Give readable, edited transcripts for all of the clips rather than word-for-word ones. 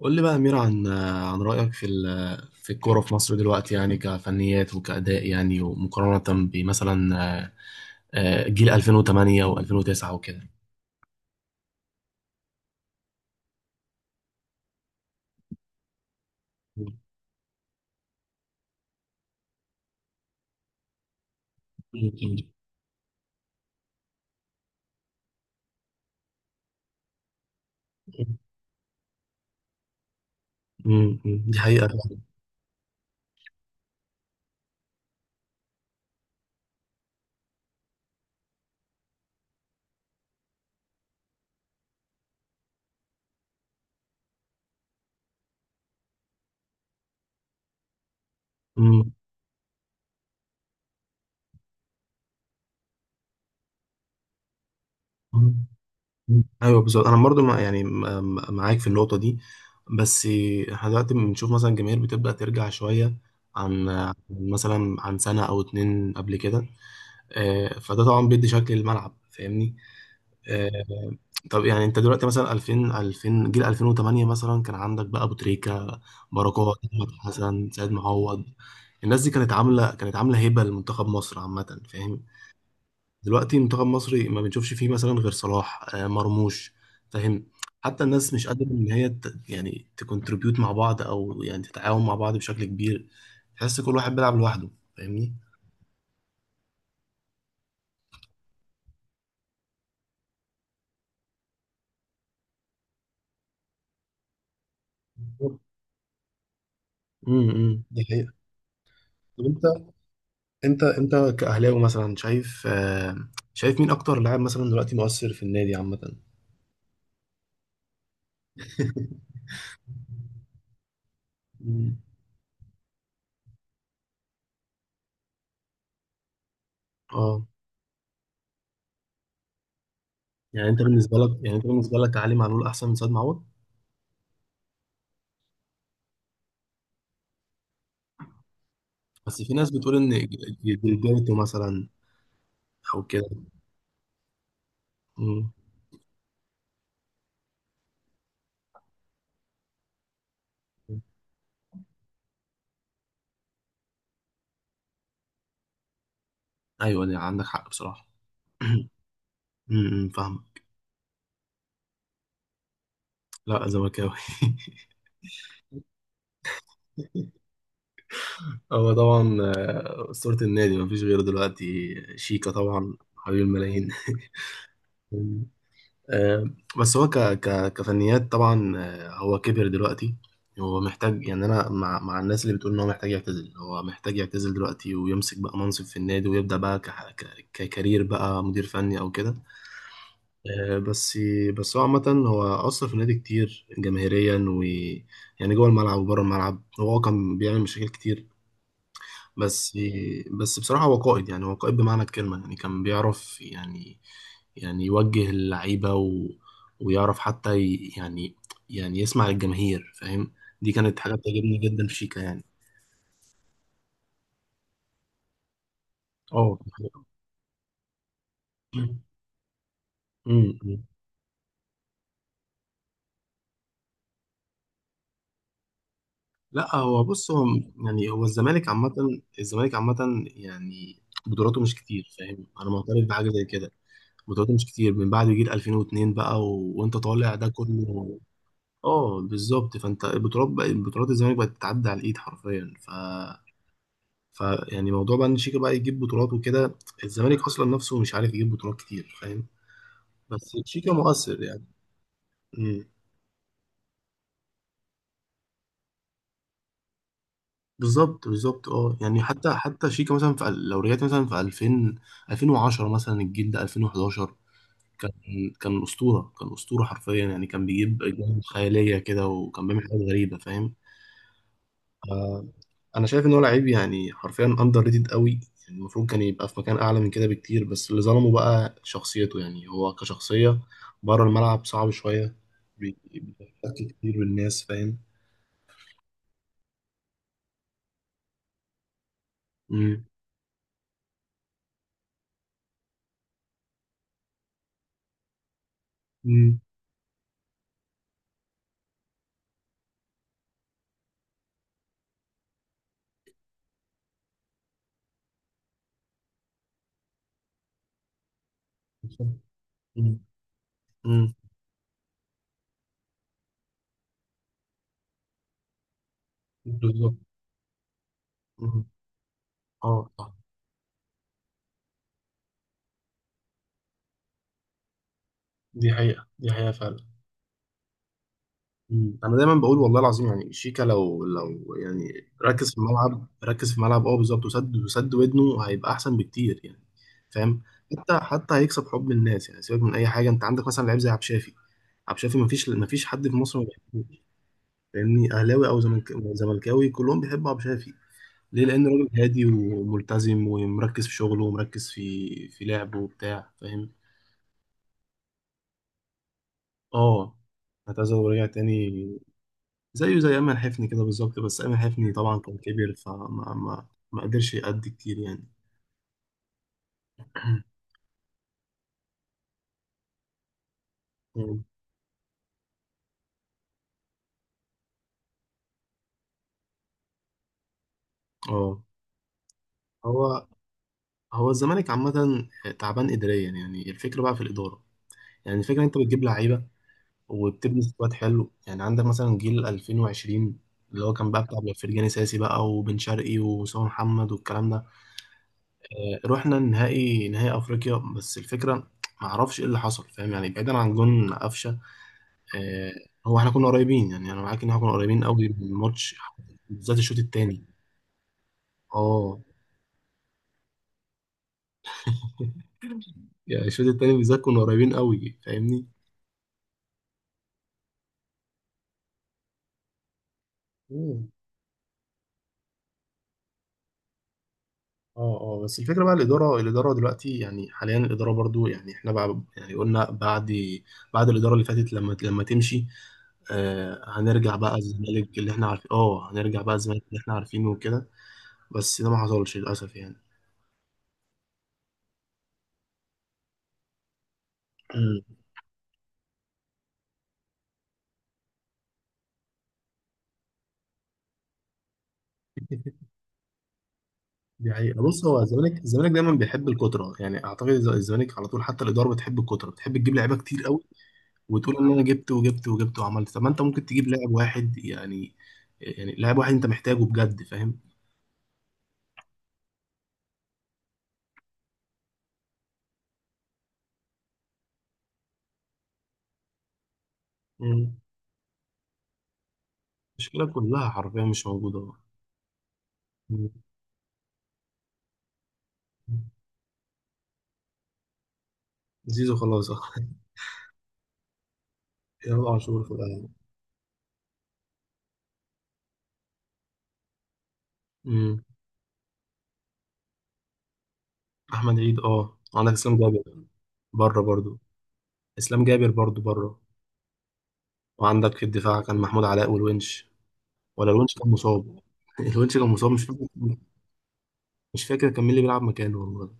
قول لي بقى يا أمير، عن رأيك في الكورة في مصر دلوقتي، يعني كفنيات وكأداء، يعني ومقارنة بمثلا، آه، آه، جيل 2008 و2009 وكده. أمم، أمم، دي حقيقة. أمم، أمم، أيوه بالظبط. أنا برضو معاك في النقطة دي، بس احنا دلوقتي بنشوف مثلا الجماهير بتبدأ ترجع شوية، عن سنة أو اتنين قبل كده. آه، فده طبعا بيدي شكل الملعب، فاهمني؟ آه، طب يعني انت دلوقتي مثلا، 2000، جيل 2008 مثلا، كان عندك بقى ابو تريكه، بركات، احمد حسن، سيد معوض. الناس دي كانت عامله هبه لمنتخب مصر عامه، فاهم؟ دلوقتي منتخب مصري ما بنشوفش فيه مثلا غير صلاح، مرموش، فاهم؟ حتى الناس مش قادره ان هي تكونتريبيوت مع بعض، او يعني تتعاون مع بعض بشكل كبير. تحس كل واحد بيلعب لوحده، فاهمني؟ بالظبط. أمم، دي حقيقة. طب انت كأهلاوي مثلا شايف، شايف مين اكتر لاعب مثلا دلوقتي مؤثر في النادي عامة؟ مم. اه، يعني انت بالنسبة لك علي معلول احسن من سيد معوض؟ بس في ناس بتقول ان جilberto مثلا، او كده. مم. ايوه، دي عندك حق بصراحة. فاهم. لا، زملكاوي. هو طبعا أسطورة النادي مفيش غيره دلوقتي، شيكا طبعا، حبيب الملايين. آه، بس هو، ك ك كفنيات طبعا، هو كبر دلوقتي. هو محتاج، يعني انا مع الناس اللي بتقول ان هو محتاج يعتزل، هو محتاج يعتزل دلوقتي، ويمسك بقى منصب في النادي ويبدأ بقى ككارير بقى مدير فني او كده. آه، بس بس هو عامة، هو أثر في النادي كتير جماهيريا، و يعني جوه الملعب وبره الملعب هو كان بيعمل مشاكل كتير، بس بس بصراحة هو قائد، يعني هو قائد بمعنى الكلمة، يعني كان بيعرف، يعني يعني يوجه اللعيبة، ويعرف حتى يعني يسمع الجماهير، فاهم؟ دي كانت حاجة بتعجبني جدا في شيكا، يعني. اه. أمم. لا، هو بص، هو يعني، هو الزمالك عامة، يعني بطولاته مش كتير، فاهم؟ أنا معترف بحاجة زي كده. بطولاته مش كتير من بعد جيل 2002 بقى، وأنت طالع ده كله. اه، بالظبط. فانت البطولات بقى، البطولات الزمالك بقت تتعدى على الايد حرفيا. ف ف يعني موضوع بقى ان شيكا بقى يجيب بطولات وكده، الزمالك اصلا نفسه مش عارف يجيب بطولات كتير، فاهم؟ بس شيكا مؤثر، يعني. امم بالظبط، بالظبط، اه، يعني حتى شيكا مثلا، لو رجعت مثلا في 2000، 2010 مثلا، الجيل ده 2011، كان كان اسطوره، كان اسطوره حرفيا، يعني كان بيجيب اجوان خياليه كده، وكان بيعمل حاجات غريبه، فاهم؟ انا شايف ان هو لعيب، يعني حرفيا اندر ريتد قوي، يعني المفروض كان يبقى في مكان اعلى من كده بكتير، بس اللي ظلمه بقى شخصيته، يعني هو كشخصيه بره الملعب صعب شويه، بيحتك كتير بالناس، فاهم؟ امم امم بالظبط. مم. مم. بالظبط. مم. اه، صح، دي حقيقه، دي حقيقه فعلا. مم. انا دايما بقول والله العظيم، يعني شيكا لو يعني ركز في الملعب، ركز في الملعب، اه بالظبط، وسد ودنه هيبقى احسن بكتير، يعني، فاهم؟ حتى هيكسب حب الناس، يعني سيبك من اي حاجه. انت عندك مثلا لعيب زي عبد الشافي. عبد الشافي مفيش حد في مصر ما بيحبوش، فاهمني؟ اهلاوي او زملكاوي، كلهم بيحبوا عبد الشافي. ليه؟ لان راجل هادي وملتزم، ومركز في شغله، ومركز في لعبه وبتاع، فاهم؟ اه، اعتزل ورجع تاني، زيه زي أمل حفني كده بالظبط. بس أمل حفني طبعا كان كبير، فما ما ما قدرش يأدي كتير، يعني. اه. هو هو الزمالك عامة تعبان إداريا، يعني الفكرة بقى في الإدارة، يعني الفكرة أنت بتجيب لعيبة، وبتبني سكواد حلو، يعني عندك مثلا جيل 2020، اللي هو كان بقى بتاع فرجاني ساسي بقى، وبن شرقي، وأسامة محمد، والكلام ده. آه، رحنا نهائي أفريقيا، بس الفكرة معرفش إيه اللي حصل، فاهم؟ يعني بعيدا عن جون قفشة. آه، هو احنا كنا قريبين، يعني انا معاك ان احنا كنا قريبين قوي من الماتش، بالذات الشوط الثاني، اه. يعني الشوط الثاني بالذات كنا قريبين قوي، فاهمني؟ مم. اه، اه، بس الفكره بقى، الاداره دلوقتي، يعني حاليا الاداره برضو، يعني احنا بقى، يعني قلنا بعد الاداره اللي فاتت، لما تمشي، هنرجع بقى الزمالك اللي احنا عارفينه وكده. بس ده ما حصلش للاسف، يعني. مم. دي حقيقة. بص، هو الزمالك دايما بيحب الكترة، يعني اعتقد الزمالك على طول، حتى الإدارة بتحب الكترة، بتحب تجيب لعيبة كتير قوي، وتقول ان انا جبت، وجبت، وجبت، وعملت. طب ما انت ممكن تجيب لاعب واحد، يعني لاعب واحد انت محتاجه بجد، فاهم؟ مم. المشكلة كلها حرفيا مش موجودة. مم. زيزو خلاص، اه. امام عاشور في الأهلي. مم. احمد عيد، اه، عندك اسلام جابر بره برضو. اسلام جابر برضو بره. وعندك في الدفاع كان محمود علاء والونش، ولا الونش كان مصاب؟ الونش كان مصاب، مش فاكر. مش فاكر كان مين اللي بيلعب مكانه والله.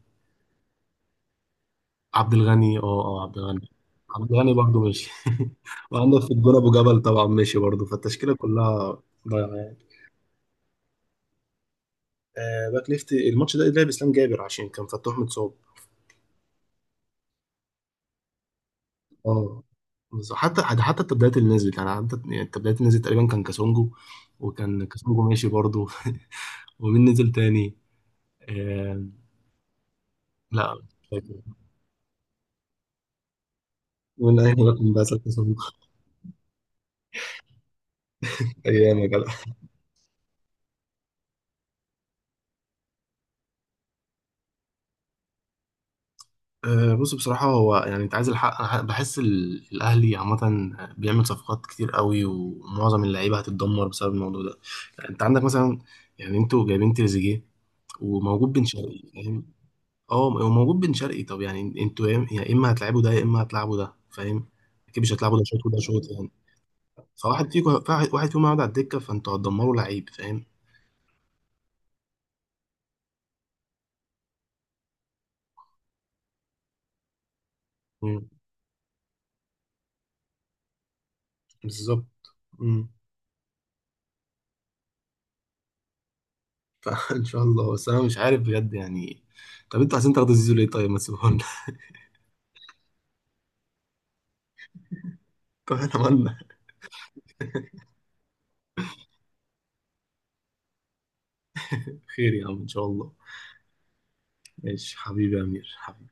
عبد الغني، اه، اه، عبد الغني برضه ماشي. وعندك في الجون ابو جبل طبعا ماشي برضه، فالتشكيله كلها ضايعه، يعني. آه، باك ليفت الماتش ده لعب اسلام جابر عشان كان فتوح متصاب، اه. بس حتى التبديلات اللي نزلت، يعني حتى يعني التبديلات اللي نزلت تقريبا كان كاسونجو، وكان كاسونجو ماشي برضه. ومين نزل تاني؟ آه لا، مش فاكر من اي رقم، بس كاسونجو. ايام يا جدع. بص، بصراحة، هو يعني، أنت عايز الحق، أنا بحس الأهلي عامة بيعمل صفقات كتير قوي، ومعظم اللعيبة هتتدمر بسبب الموضوع ده، يعني أنت عندك مثلا، يعني أنتوا جايبين تريزيجيه وموجود بن شرقي، فاهم؟ أه، وموجود بن شرقي. طب يعني أنتوا يا إما هتلعبوا ده، يا إما هتلعبوا ده، فاهم؟ أكيد مش هتلعبوا ده شوط وده شوط، يعني. فواحد فيكم واحد فيهم هيقعد على الدكة، فأنتوا هتدمروا لعيب، فاهم؟ مم، بالظبط. مم. فإن شاء الله، بس أنا مش عارف بجد، يعني. طب أنتوا عايزين تاخدوا زيزو ليه؟ طيب، ما تسيبوه. طب اتمنى. خير يا عم، ان شاء الله. ماشي حبيبي يا امير، حبيبي.